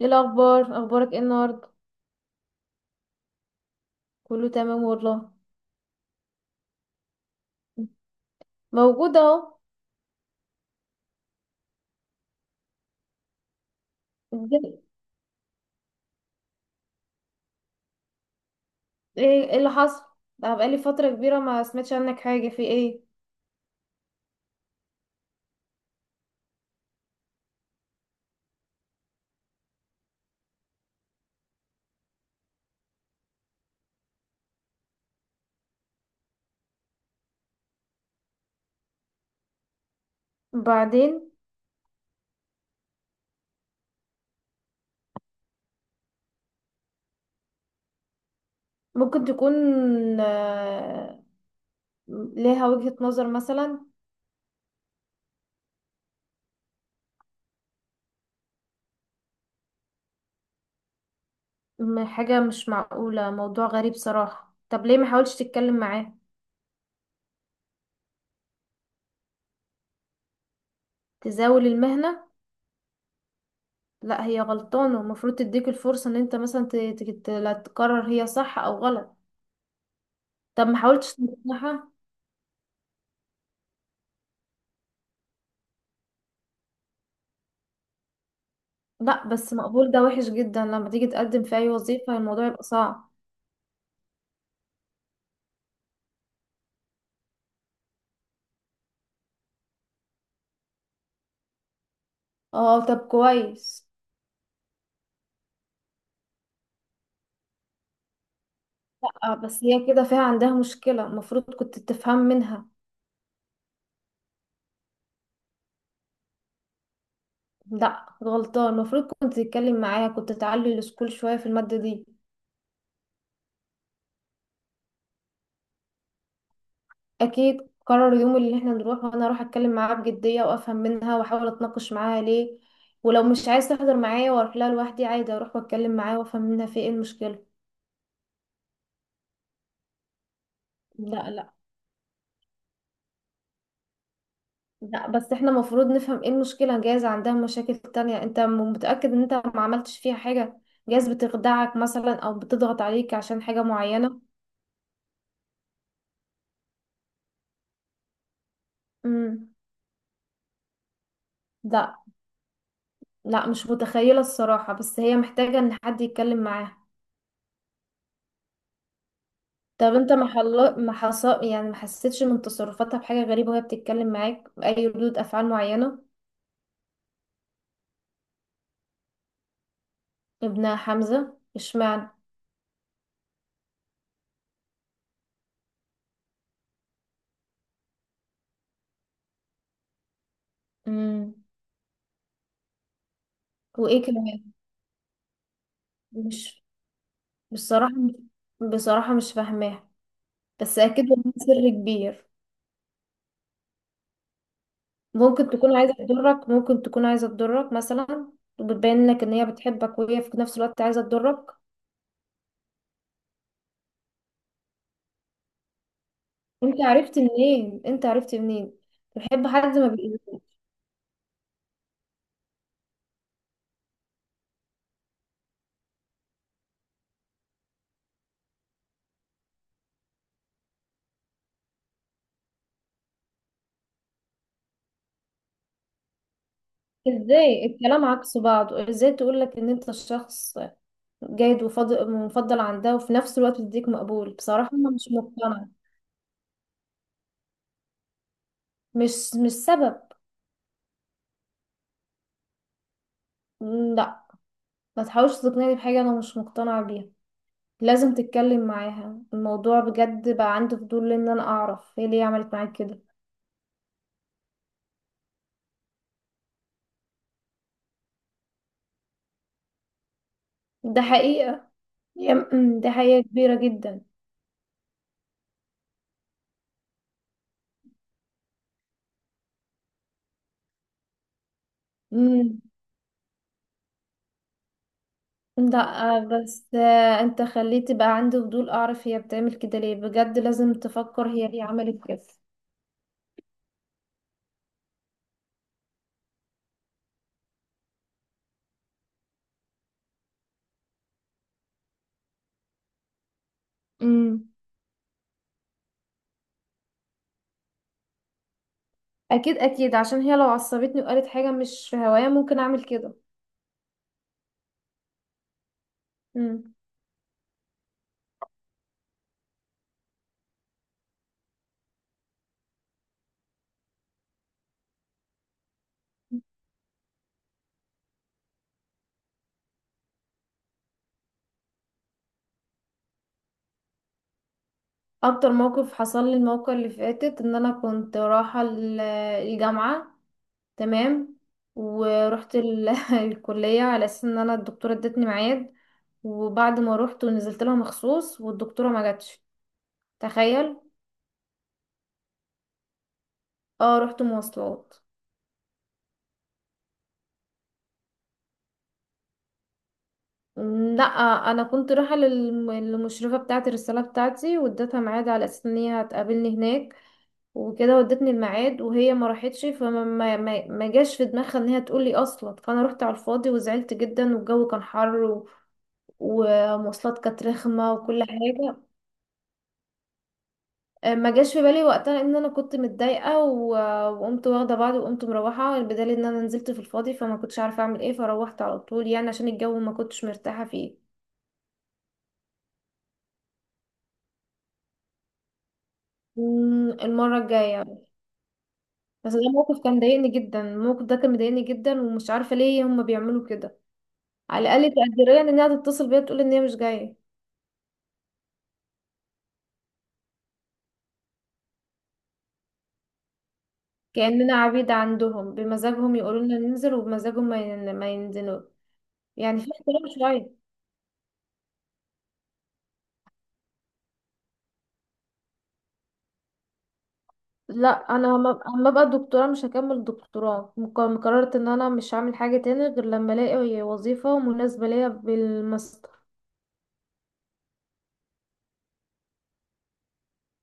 ايه الاخبار، اخبارك ايه النهارده؟ كله تمام والله. موجوده اهو. الدنيا- ايه؟ إيه اللي حصل؟ بقى بقالي فتره كبيره ما سمعتش عنك حاجه، في ايه؟ بعدين؟ ممكن تكون آه، ليها وجهة نظر مثلا. حاجه مش معقوله، موضوع غريب صراحه. طب ليه ما حاولتش تتكلم معاه؟ تزاول المهنه؟ لا هي غلطانه، المفروض تديك الفرصه ان انت مثلا لا، تقرر هي صح او غلط. طب ما حاولتش تنصحها؟ لا بس مقبول ده وحش جدا، لما تيجي تقدم في اي وظيفة الموضوع يبقى صعب. اه طب كويس. اه بس هي كده فيها عندها مشكلة، المفروض كنت تفهم منها. لا غلطان، المفروض كنت تتكلم معاها، كنت تعلي السكول شوية في المادة دي. اكيد، قرر اليوم اللي احنا نروح، وانا اروح اتكلم معاها بجدية وافهم منها واحاول اتناقش معاها ليه. ولو مش عايز تحضر معايا، واروح لها لوحدي عادي، اروح واتكلم معاها وافهم منها في ايه المشكلة. لا لا. لا بس احنا المفروض نفهم ايه المشكلة. جايز عندها مشاكل تانية، انت متأكد ان انت ما عملتش فيها حاجة؟ جايز بتخدعك مثلا او بتضغط عليك عشان حاجة معينة. امم. لا. لا مش متخيلة الصراحة، بس هي محتاجة ان حد يتكلم معاها. طب انت ما حل... ما حص... يعني ما حسيتش من تصرفاتها بحاجة غريبة وهي بتتكلم معاك بأي ردود أفعال معينة؟ ابنها حمزة؟ اشمعنى؟ امم. وايه كمان؟ مش بصراحة. بصراحة مش فاهماها. بس اكيد والله سر كبير. ممكن تكون عايزة تضرك، ممكن تكون عايزة تضرك مثلا، وبتبين لك ان هي بتحبك وهي في نفس الوقت عايزة تضرك. انت عرفت منين؟ انت عرفت منين تحب حد ما بيقولك؟ ازاي الكلام عكس بعضه؟ ازاي تقولك ان انت الشخص جيد ومفضل عندها وفي نفس الوقت تديك مقبول؟ بصراحة انا مش مقتنعة. مش مش سبب. لا. ما تحاولش تقنعني بحاجة انا مش مقتنعة بيها. لازم تتكلم معاها الموضوع بجد، بقى عندي فضول ان انا اعرف هي ليه عملت معاك كده. ده حقيقة. يا- أمم، دي حقيقة كبيرة جدا. امم. لا بس انت خليتي بقى عندي فضول اعرف هي بتعمل كده ليه، بجد لازم تفكر هي ليه عملت كده. امم. اكيد اكيد، عشان هي لو عصبتني وقالت حاجة مش في هوايا ممكن اعمل كده. امم. اكتر موقف حصل لي الموقع اللي فاتت ان انا كنت رايحة الجامعة، تمام، ورحت الكلية على اساس ان انا الدكتورة ادتني ميعاد، وبعد ما روحت ونزلت لها مخصوص والدكتورة ما جاتش. تخيل. اه رحت مواصلات. لا انا كنت رايحه للمشرفه بتاعه الرساله بتاعتي، واديتها ميعاد على اساس ان هي هتقابلني هناك، وكده ودتني الميعاد وهي ما راحتش، فما ما جاش في دماغها ان هي تقول لي اصلا، فانا رحت على الفاضي وزعلت جدا، والجو كان حر ومواصلات كانت رخمه وكل حاجه. آه، ما جاش في بالي وقتها ان انا كنت متضايقه وقمت واخده بعضي وقمت مروحه، بدليل ان انا نزلت في الفاضي فما كنتش عارفه اعمل ايه، فروحت على طول يعني عشان الجو ما كنتش مرتاحه فيه. مم، المرة الجاية. بس ده موقف كان ضايقني جدا، الموقف ده كان مضايقني جدا ومش عارفة ليه هما بيعملوا كده. على الأقل تقديريا إنها تتصل بيا تقول إن هي مش جاية. كأننا عبيد عندهم، بمزاجهم يقولوا لنا ننزل وبمزاجهم ما ينزلوا. يعني في احترام شوية. لا أنا أما أبقى دكتوراه، مش هكمل دكتوراه، قررت إن أنا مش هعمل حاجة تاني غير لما ألاقي وظيفة مناسبة ليا بالمستوى.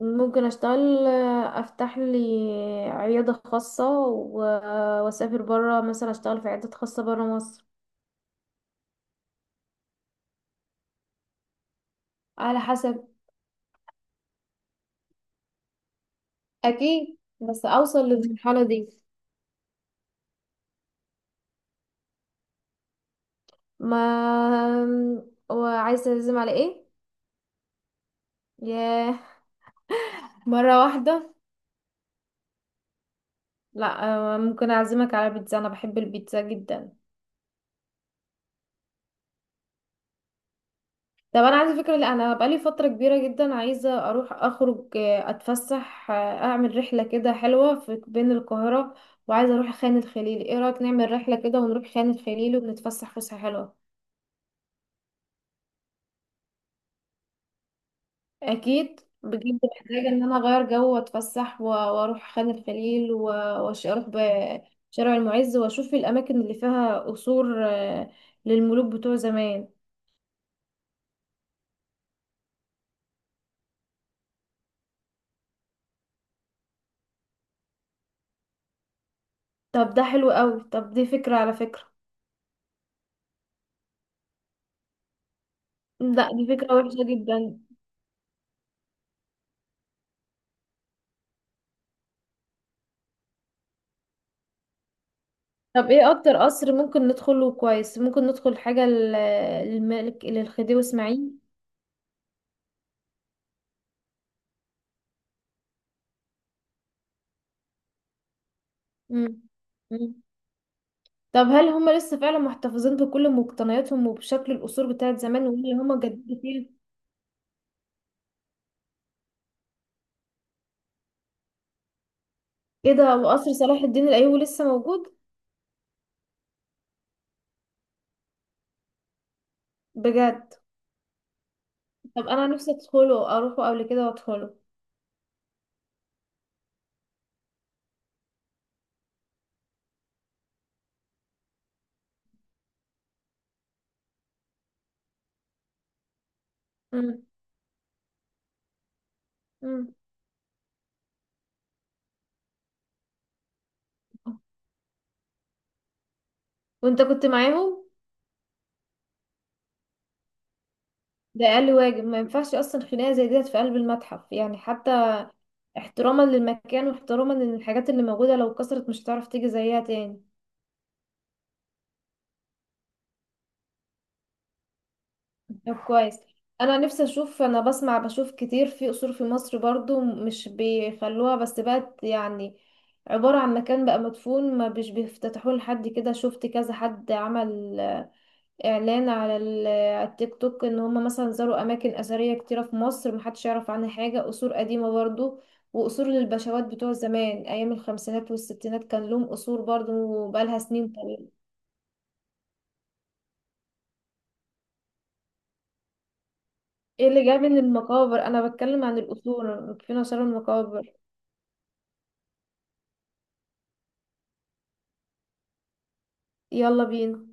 ممكن اشتغل، افتح لي عيادة خاصة واسافر برا مثلا، اشتغل في عيادة خاصة برا مصر. على حسب. اكيد بس اوصل للمرحلة دي. ما. وعايزة تعزم على ايه؟ ياه، مرة واحدة؟ لا. آه، ممكن اعزمك على بيتزا، انا بحب البيتزا جدا. طب انا عندي فكره، لا انا بقالي فتره كبيره جدا عايزه اروح اخرج، آه، اتفسح، آه، اعمل رحله كده حلوه في بين القاهره، وعايزه اروح خان الخليل. ايه رايك نعمل رحله كده ونروح خان الخليل ونتفسح فسحه حلوه؟ اكيد بجد محتاجه ان انا اغير جو واتفسح واروح خان الخليل اروح بشارع المعز واشوف الاماكن اللي فيها قصور، آه، للملوك بتوع زمان. طب ده حلو قوي، طب دي فكره على فكره. لا دي فكره وحشه جدا. طب ايه اكتر قصر ممكن ندخله كويس؟ ممكن ندخل حاجة للملك، للخديوي اسماعيل. مم. مم. طب هل هم لسه فعلا محتفظين بكل مقتنياتهم وبشكل القصور بتاعت زمان واللي هم جددوا فيه؟ ايه ده، وقصر صلاح الدين الايوبي لسه موجود؟ بجد؟ طب انا نفسي ادخله، اروحه قبل كده وادخله. مم. مم. وانت كنت معاهم؟ ده اقل واجب، ما ينفعش اصلا خناقة زي ديت في قلب المتحف، يعني حتى احتراما للمكان واحتراما لان الحاجات اللي موجودة لو اتكسرت مش هتعرف تيجي زيها تاني. طب كويس. انا نفسي اشوف، انا بسمع بشوف كتير في قصور في مصر برضو مش بيخلوها، بس بقت يعني عبارة عن مكان بقى مدفون ما بيش بيفتتحوه، لحد كده شفت كذا حد عمل اعلان على على التيك توك ان هم مثلا زاروا اماكن اثرية كتيرة في مصر محدش يعرف عنها حاجة، قصور قديمة برضو، وقصور للبشوات بتوع زمان ايام الخمسينات والستينات كان لهم قصور برضو بقالها سنين طويلة. ايه اللي جاي من المقابر؟ انا بتكلم عن الاصول، فين اثار المقابر؟ يلا بينا.